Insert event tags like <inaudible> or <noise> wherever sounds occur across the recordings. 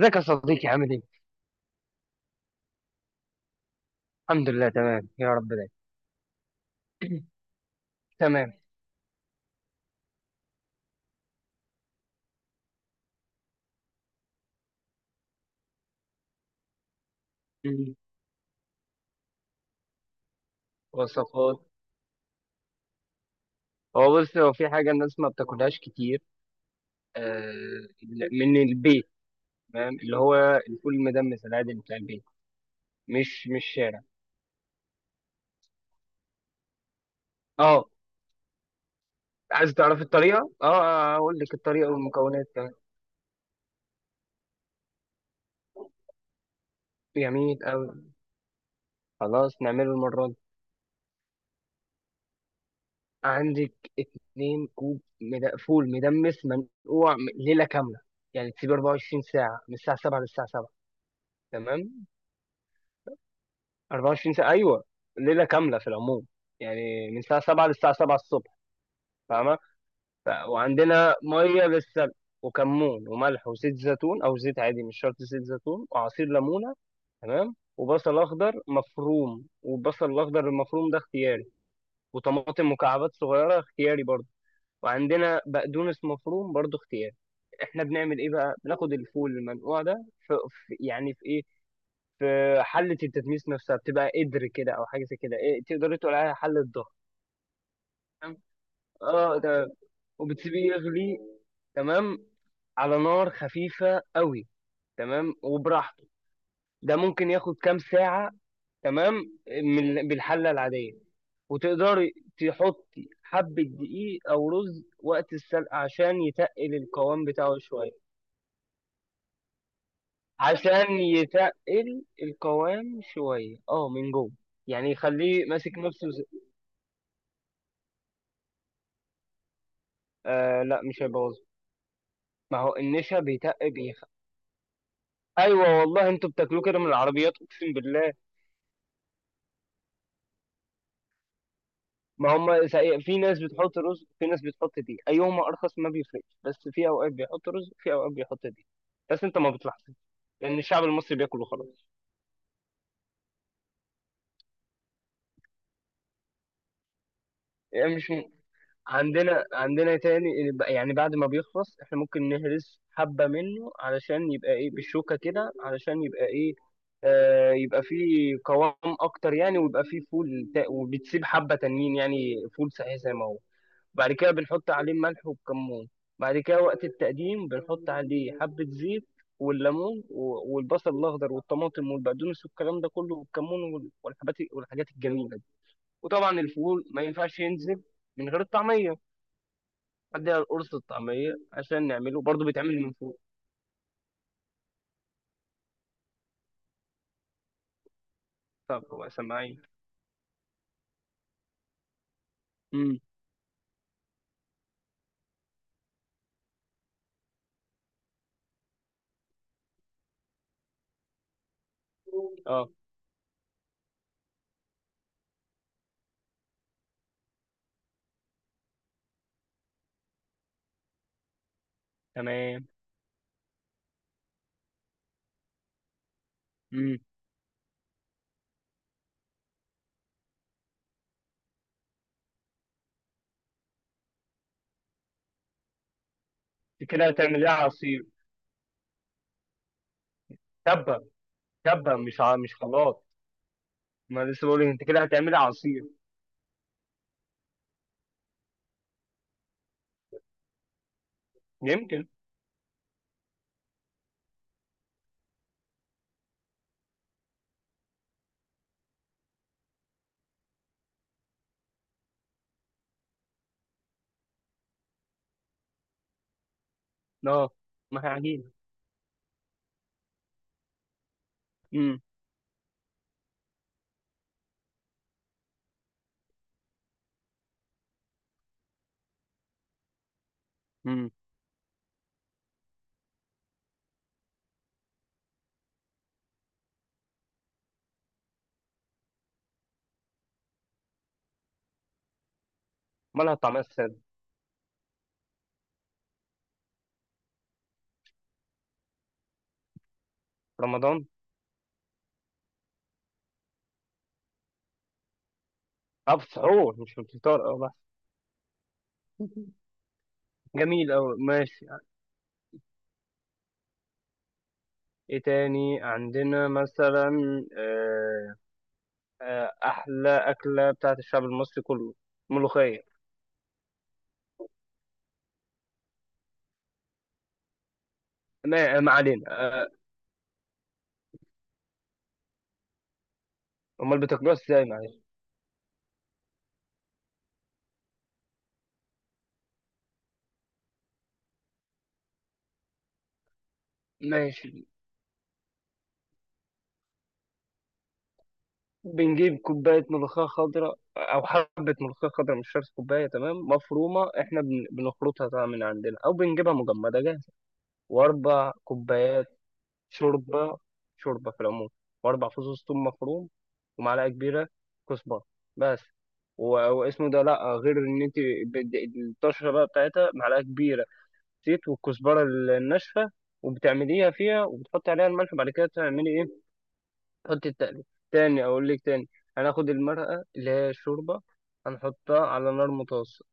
ازيك يا صديقي، عامل ايه؟ الحمد لله تمام يا رب دايما. <clears throat> تمام. مم. وصفات. هو بص، هو في حاجة الناس ما بتاكلهاش كتير. آه. من البيت. تمام، اللي هو الفول المدمس العادي اللي بتاع البيت، مش شارع. اه. عايز تعرف الطريقة؟ اه، اقول لك الطريقة والمكونات كمان. جميل أوي. خلاص نعمله المرة دي. عندك اتنين كوب فول مدمس منقوع ليلة كاملة. يعني تسيب 24 ساعة، من الساعة 7 للساعة 7. تمام. 24 ساعة، أيوه. ليلة كاملة في العموم، يعني من الساعة 7 للساعة 7 الصبح. فاهمة؟ وعندنا مية للسلق، وكمون وملح وزيت زيتون أو زيت عادي، مش شرط زيت زيتون، وعصير ليمونة. تمام. وبصل أخضر مفروم، والبصل الأخضر المفروم ده اختياري. وطماطم مكعبات صغيرة، اختياري برضه. وعندنا بقدونس مفروم، برضه اختياري. احنا بنعمل ايه بقى؟ بناخد الفول المنقوع ده في... يعني في ايه، في حلة التتميس نفسها. بتبقى قدر كده أو حاجة زي كده، إيه، تقدري تقولي عليها حلة ضغط. تمام؟ اه، تمام. وبتسيبيه يغلي. تمام. على نار خفيفة قوي. تمام، وبراحته. ده ممكن ياخد كام ساعة؟ تمام. من بالحلة العادية. وتقدري تحطي حبة دقيق أو رز وقت السلق، عشان يتقل القوام بتاعه شوية. عشان يتقل القوام شوية، اه، من جوه، يعني يخليه ماسك نفسه. آه لا، مش هيبوظ. ما هو النشا بيتق بيخ. ايوه والله، انتوا بتاكلوه كده من العربيات، اقسم بالله. ما هم سا- في ناس بتحط رز، في ناس بتحط دي. ايهما ارخص ما بيفرقش، بس في اوقات بيحط رز، في اوقات بيحط دي. بس انت ما بتلاحظش. لان الشعب المصري بياكل وخلاص. يعني مش عندنا تاني. يعني بعد ما بيخلص، احنا ممكن نهرس حبة منه علشان يبقى ايه بالشوكة كده، علشان يبقى ايه، آه، يبقى فيه قوام اكتر يعني. ويبقى فيه فول وبتسيب حبة تانيين، يعني فول صحيح زي ما هو. بعد كده بنحط عليه ملح وكمون. بعد كده، وقت التقديم، بنحط عليه حبة زيت والليمون والبصل الاخضر والطماطم والبقدونس والكلام ده كله، والكمون والحاجات الجميلة دي. وطبعا الفول ما ينفعش ينزل من غير الطعمية. اديها القرص الطعميه عشان نعمله برضه، بيتعمل من فوق. طب هو سماعين؟ امم. اه، تمام. امم. انت كده هتعمل ايه، عصير؟ تبه. تبه، مش خلاط. ما أنا لسه بقول لك، انت كده هتعمل ايه، عصير؟ يمكن. اه. ما هي عجينه. امم. امم. مالها الطعميه الساده؟ رمضان. اه، في السحور مش في الفطار، اه. بس. <laughs> جميل أوي، ماشي. ايه تاني عندنا مثلا؟ آه، احلى اكله بتاعت الشعب المصري كله، ملوخيه. ما علينا. امال بتاكلوها ازاي؟ معلش. ماشي. بنجيب كوبايه ملوخيه خضراء او حبه ملوخيه خضراء، مش شرط كوبايه، تمام، مفرومه. احنا بنخلطها طبعا من عندنا، او بنجيبها مجمده جاهزه. واربع كوبايات شوربه، شوربه في العموم. واربع فصوص ثوم مفروم، ومعلقه كبيره كزبره بس. واسمه ده لا غير ان انت بد- الطشره بقى بتاعتها: معلقه كبيره زيت، والكزبره الناشفه. وبتعمليها فيها، وبتحطي عليها الملح، وبعد كده تعملي ايه؟ حط التقليد. تاني، اقول لك تاني. هناخد المرقه اللي هي الشوربه، هنحطها على نار متوسط،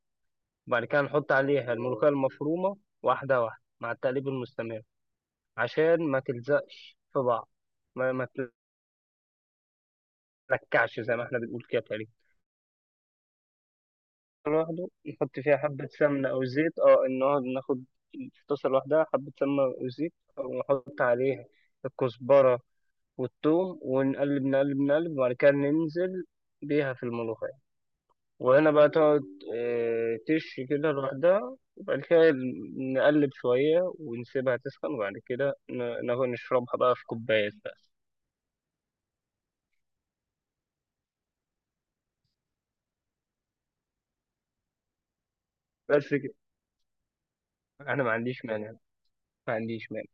وبعد كده هنحط عليها الملوخيه المفرومه واحده واحده مع التقليب المستمر، عشان ما تلزقش في بعض. ما تلكعش، زي ما احنا بنقول كده تقريبا. لوحده، نحط فيها حبه سمنه او زيت. اه. نقعد ناخد في طاسه لوحدها حبه سمنه او زيت، ونحط عليها الكزبره والثوم ونقلب نقلب نقلب. وبعد كده ننزل بيها في الملوخيه، وهنا بقى تقعد تشي كده لوحدها. وبعد كده نقلب شوية ونسيبها تسخن، وبعد كده ناخد نشربها بقى في كوباية بس. بس كده. أنا ما عنديش مانع، ما عنديش مانع.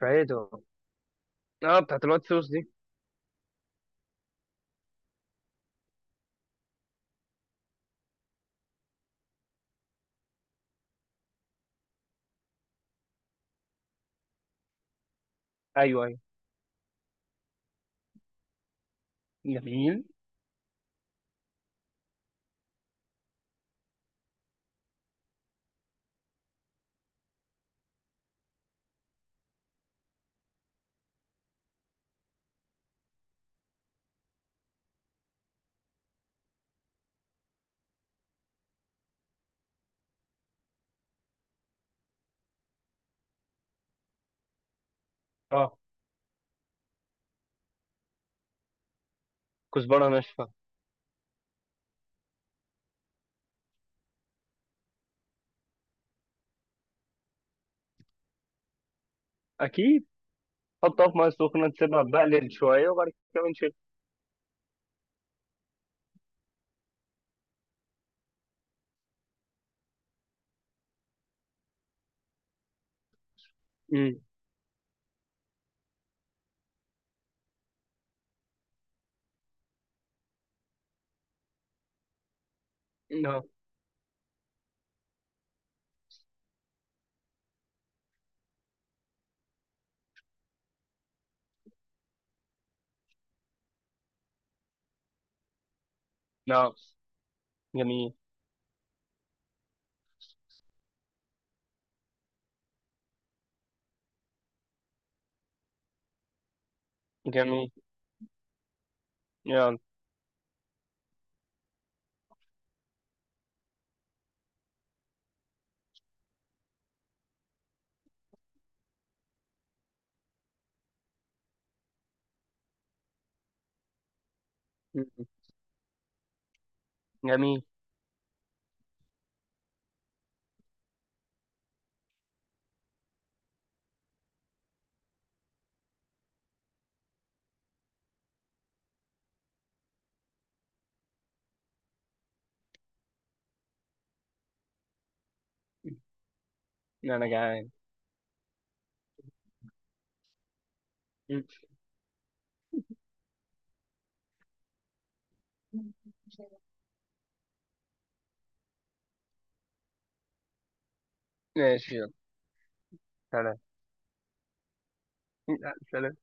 فهي ده. اه، بتاعت الوايت صوص دي. أيوه أيوه. جميل. اه، كزبرة ناشفة. أكيد. حطها في مية سخنة، تسيبها تبقلل شوية، وبعد كده نشيلها. أمم. نعم. نعم. جميل. جميل. يلا. أمم. جميل. أنا جعان. أمم. ماشي يلا. سلام. لا، سلام.